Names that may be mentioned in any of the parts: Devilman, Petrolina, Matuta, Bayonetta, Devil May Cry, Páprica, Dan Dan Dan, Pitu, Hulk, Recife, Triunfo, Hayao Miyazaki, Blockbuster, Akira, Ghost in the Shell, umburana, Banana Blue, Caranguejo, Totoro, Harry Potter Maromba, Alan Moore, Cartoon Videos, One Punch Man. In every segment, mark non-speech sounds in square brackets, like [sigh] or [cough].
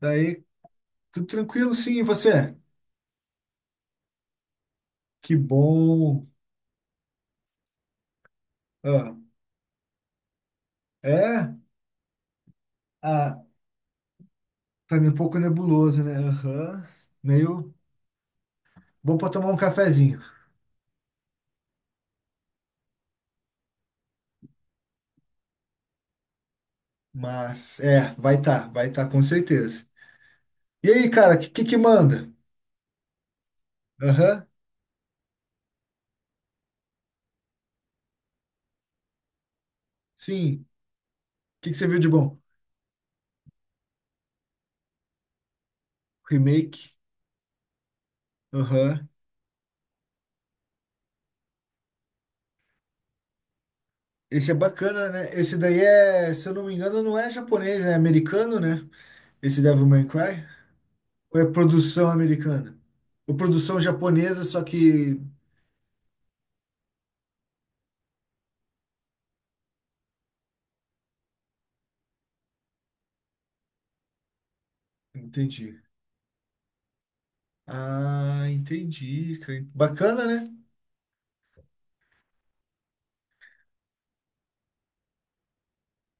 Daí, tudo tranquilo, sim, e você? Que bom. Ah, é? Ah, pra mim é um pouco nebuloso, né? Aham. Meio bom pra tomar um cafezinho. Mas, é, vai tá, com certeza. E aí, cara, que manda? Aham, sim. O que que você viu de bom? Remake. Aham. Esse é bacana, né? Esse daí é, se eu não me engano, não é japonês, é americano, né? Esse Devil May Cry. Ou é produção americana? Ou produção japonesa, só que... Entendi. Ah, entendi, cara. Bacana, né?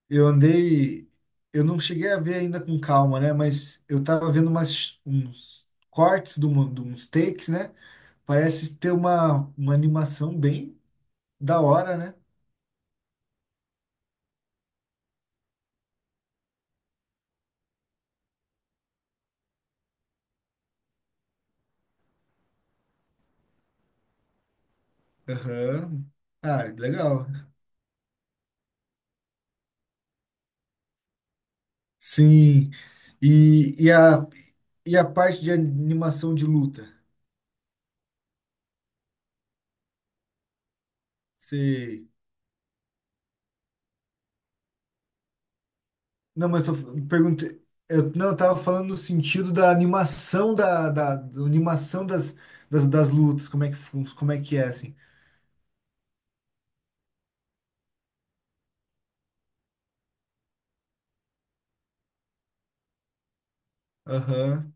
Eu andei, eu não cheguei a ver ainda com calma, né? Mas eu tava vendo uns cortes de, uma, de uns takes, né? Parece ter uma animação bem da hora, né? Aham. Ah, legal. Sim. E, e, a, e a parte de animação de luta? Você Não, mas eu perguntei. Eu tava falando no sentido da animação da animação das lutas, como é que, como é que é, assim. Aham,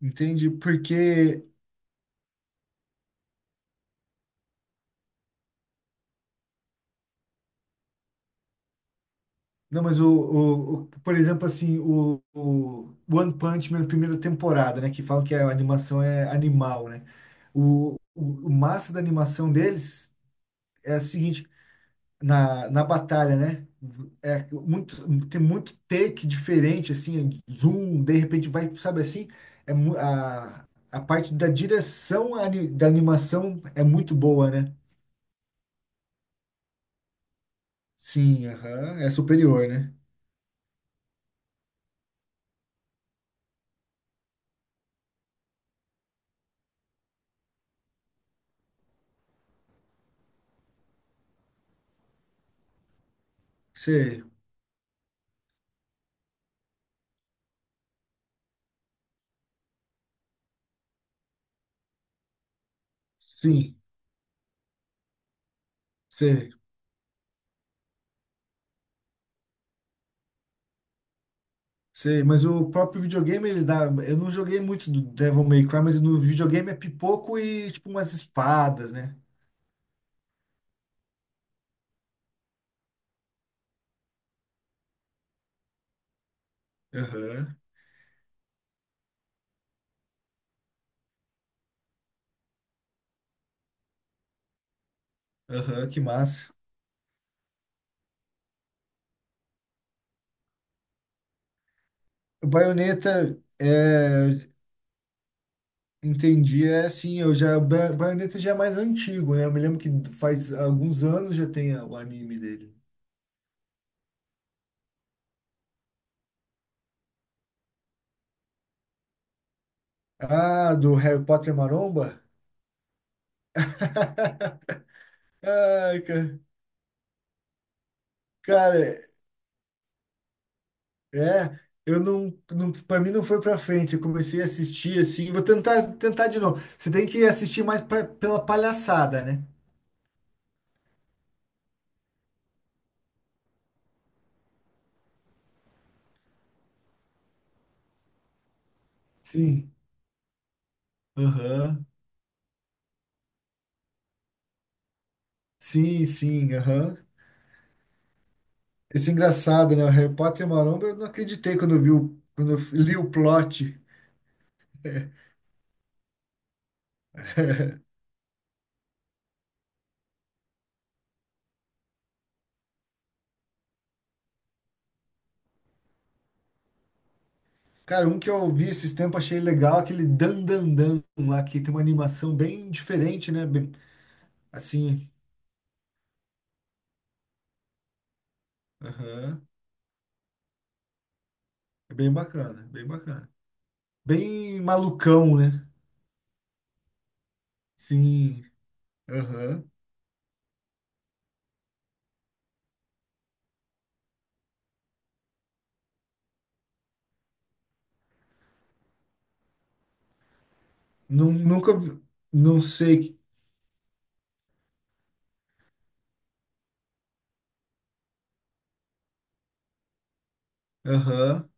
entendi. Porque. Não, mas o, por exemplo, assim, o One Punch Man primeira temporada, né? Que falam que a animação é animal, né? O massa da animação deles é a seguinte. Na na, batalha, né? É muito, tem muito take diferente, assim, zoom, de repente vai, sabe assim? É, a parte da direção da animação é muito boa, né? Sim, aham, é superior, né? Você, sim, você, você, mas o próprio videogame, ele dá. Eu não joguei muito do Devil May Cry, mas no videogame é pipoco e tipo umas espadas, né? Aham, aham, que massa. O é Entendi, é assim, eu já, Bayonetta já é mais antigo, né? Eu me lembro que faz alguns anos já tem o anime dele. Ah, do Harry Potter Maromba? [laughs] Ai, ca- cara, é, eu não, não, para mim não foi pra frente, eu comecei a assistir assim, vou tentar tentar de novo. Você tem que assistir mais pela palhaçada, né? Sim. Aham. Sim, sim, aham. Esse é engraçado, né? O Harry Potter Maromba, eu não acreditei quando eu vi o, quando eu li o plot. Cara, um que eu vi esses tempos, achei legal, aquele Dan Dan Dan lá, que tem uma animação bem diferente, né? Bem, assim, aham, é bem bacana, bem bacana. Bem malucão, né? Sim, aham. Nunca, não sei, aham,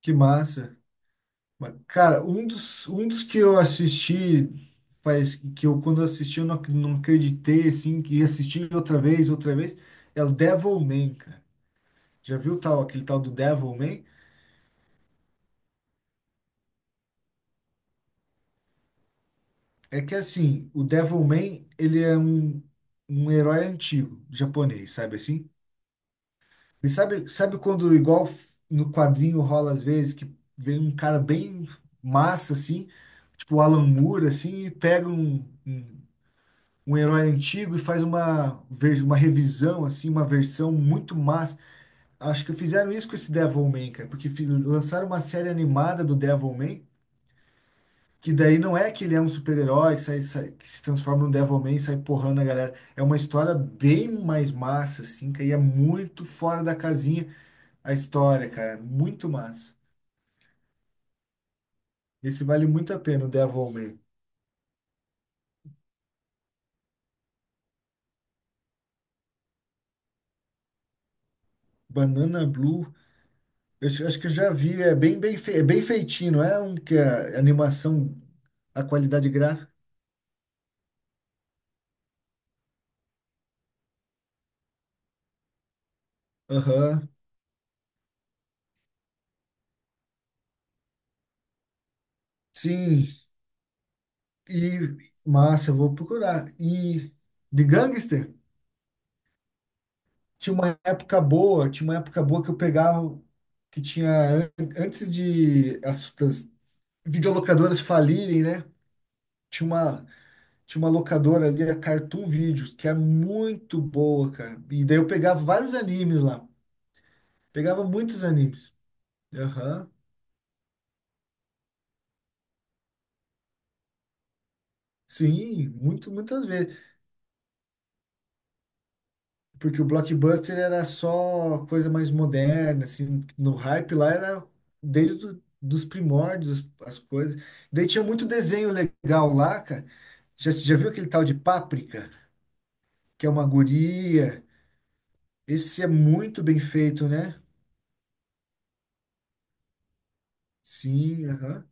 que massa. Mas, cara, um dos que eu assisti, faz, que eu quando assisti eu não, não acreditei, assim, que ia assistir outra vez, é o Devilman, cara. Já viu tal, aquele tal do Devilman? É que assim, o Devilman, um herói antigo, japonês, sabe assim? E sabe, sabe quando, igual no quadrinho rola às vezes, que vem um cara bem massa, assim, tipo o Alan Moore, assim, e pega um, um herói antigo e faz uma, uma revisão, assim, uma versão muito massa. Acho que fizeram isso com esse Devilman, cara, porque lançaram uma série animada do Devilman, que daí não é que ele é um super-herói que, que se transforma num Devilman e sai porrando a galera. É uma história bem mais massa, assim, que aí é muito fora da casinha a história, cara. Muito massa. Esse vale muito a pena, o Devilman. Banana Blue, eu acho acho que eu já vi, é bem, bem, é bem feitinho, não é um que a animação, a qualidade gráfica. Aham, sim, e massa, eu vou procurar. E de gangster? Tinha uma época boa, tinha uma época boa que eu pegava, que tinha, antes de das videolocadoras falirem, né? Tinha uma, tinha uma locadora ali, a Cartoon Videos, que era muito boa, cara. E daí eu pegava vários animes lá. Pegava muitos animes. Aham. Sim, muito, muitas vezes. Porque o Blockbuster era só coisa mais moderna, assim, no hype lá era desde do, dos primórdios as, as coisas. Daí tinha muito desenho legal lá, cara. Já, já viu aquele tal de Páprica, que é uma guria? Esse é muito bem feito, né? Sim, aham.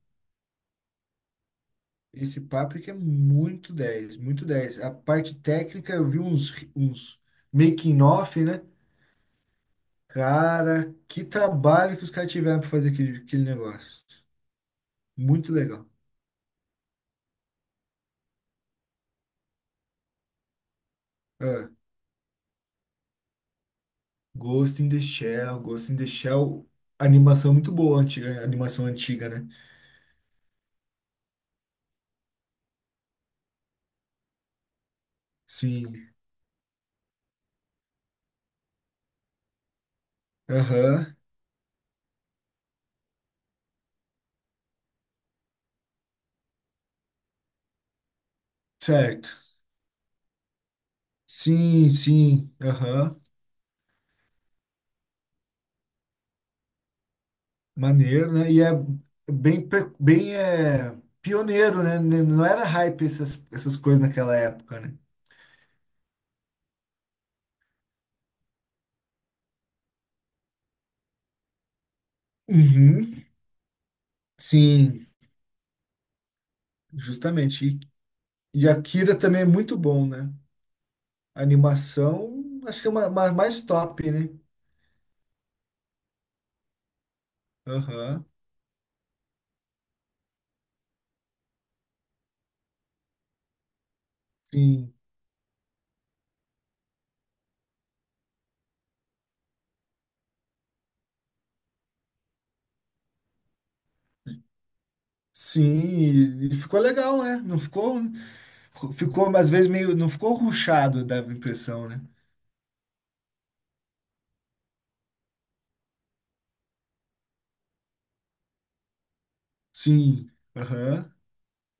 Esse Páprica é muito 10 muito dez. A parte técnica, eu vi uns making off, né? Cara, que trabalho que os caras tiveram para fazer aquele, aquele negócio. Muito legal. É. Ghost in the Shell, Ghost in the Shell, animação muito boa, antiga, animação antiga, né? Sim. Aham. Certo. Sim, sim. Aham. Maneiro, né? E é bem, pioneiro, né? N- Não era hype essas, essas coisas naquela época, né? Uhum. Sim, justamente. E Akira também é muito bom, né? A animação, acho que é uma mais top, né? Aham. Sim. Sim, e ficou legal, né? Não ficou, ficou às vezes meio, não ficou ruchado, dava a impressão, né? Sim, aham.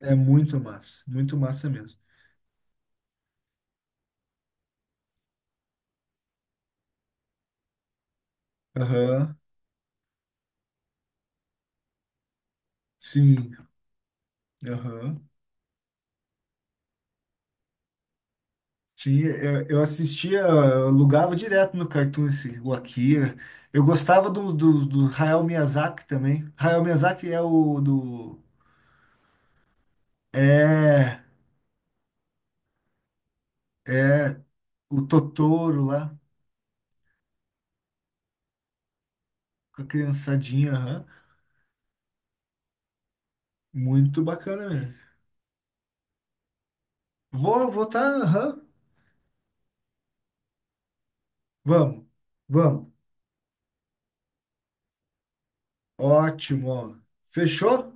É muito massa mesmo. Aham, sim, aham. Tinha, eu assistia, eu alugava direto no Cartoon esse, o Akira. Eu gostava do Hayao Miyazaki também. Hayao Miyazaki é o do, é, é o Totoro lá, com a criançadinha, aham. Muito bacana mesmo. Vou votar, aham. Vamos, vamos. Ótimo, ó. Fechou?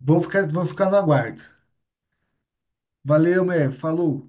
Vou ficar no aguardo. Valeu, meu. Falou.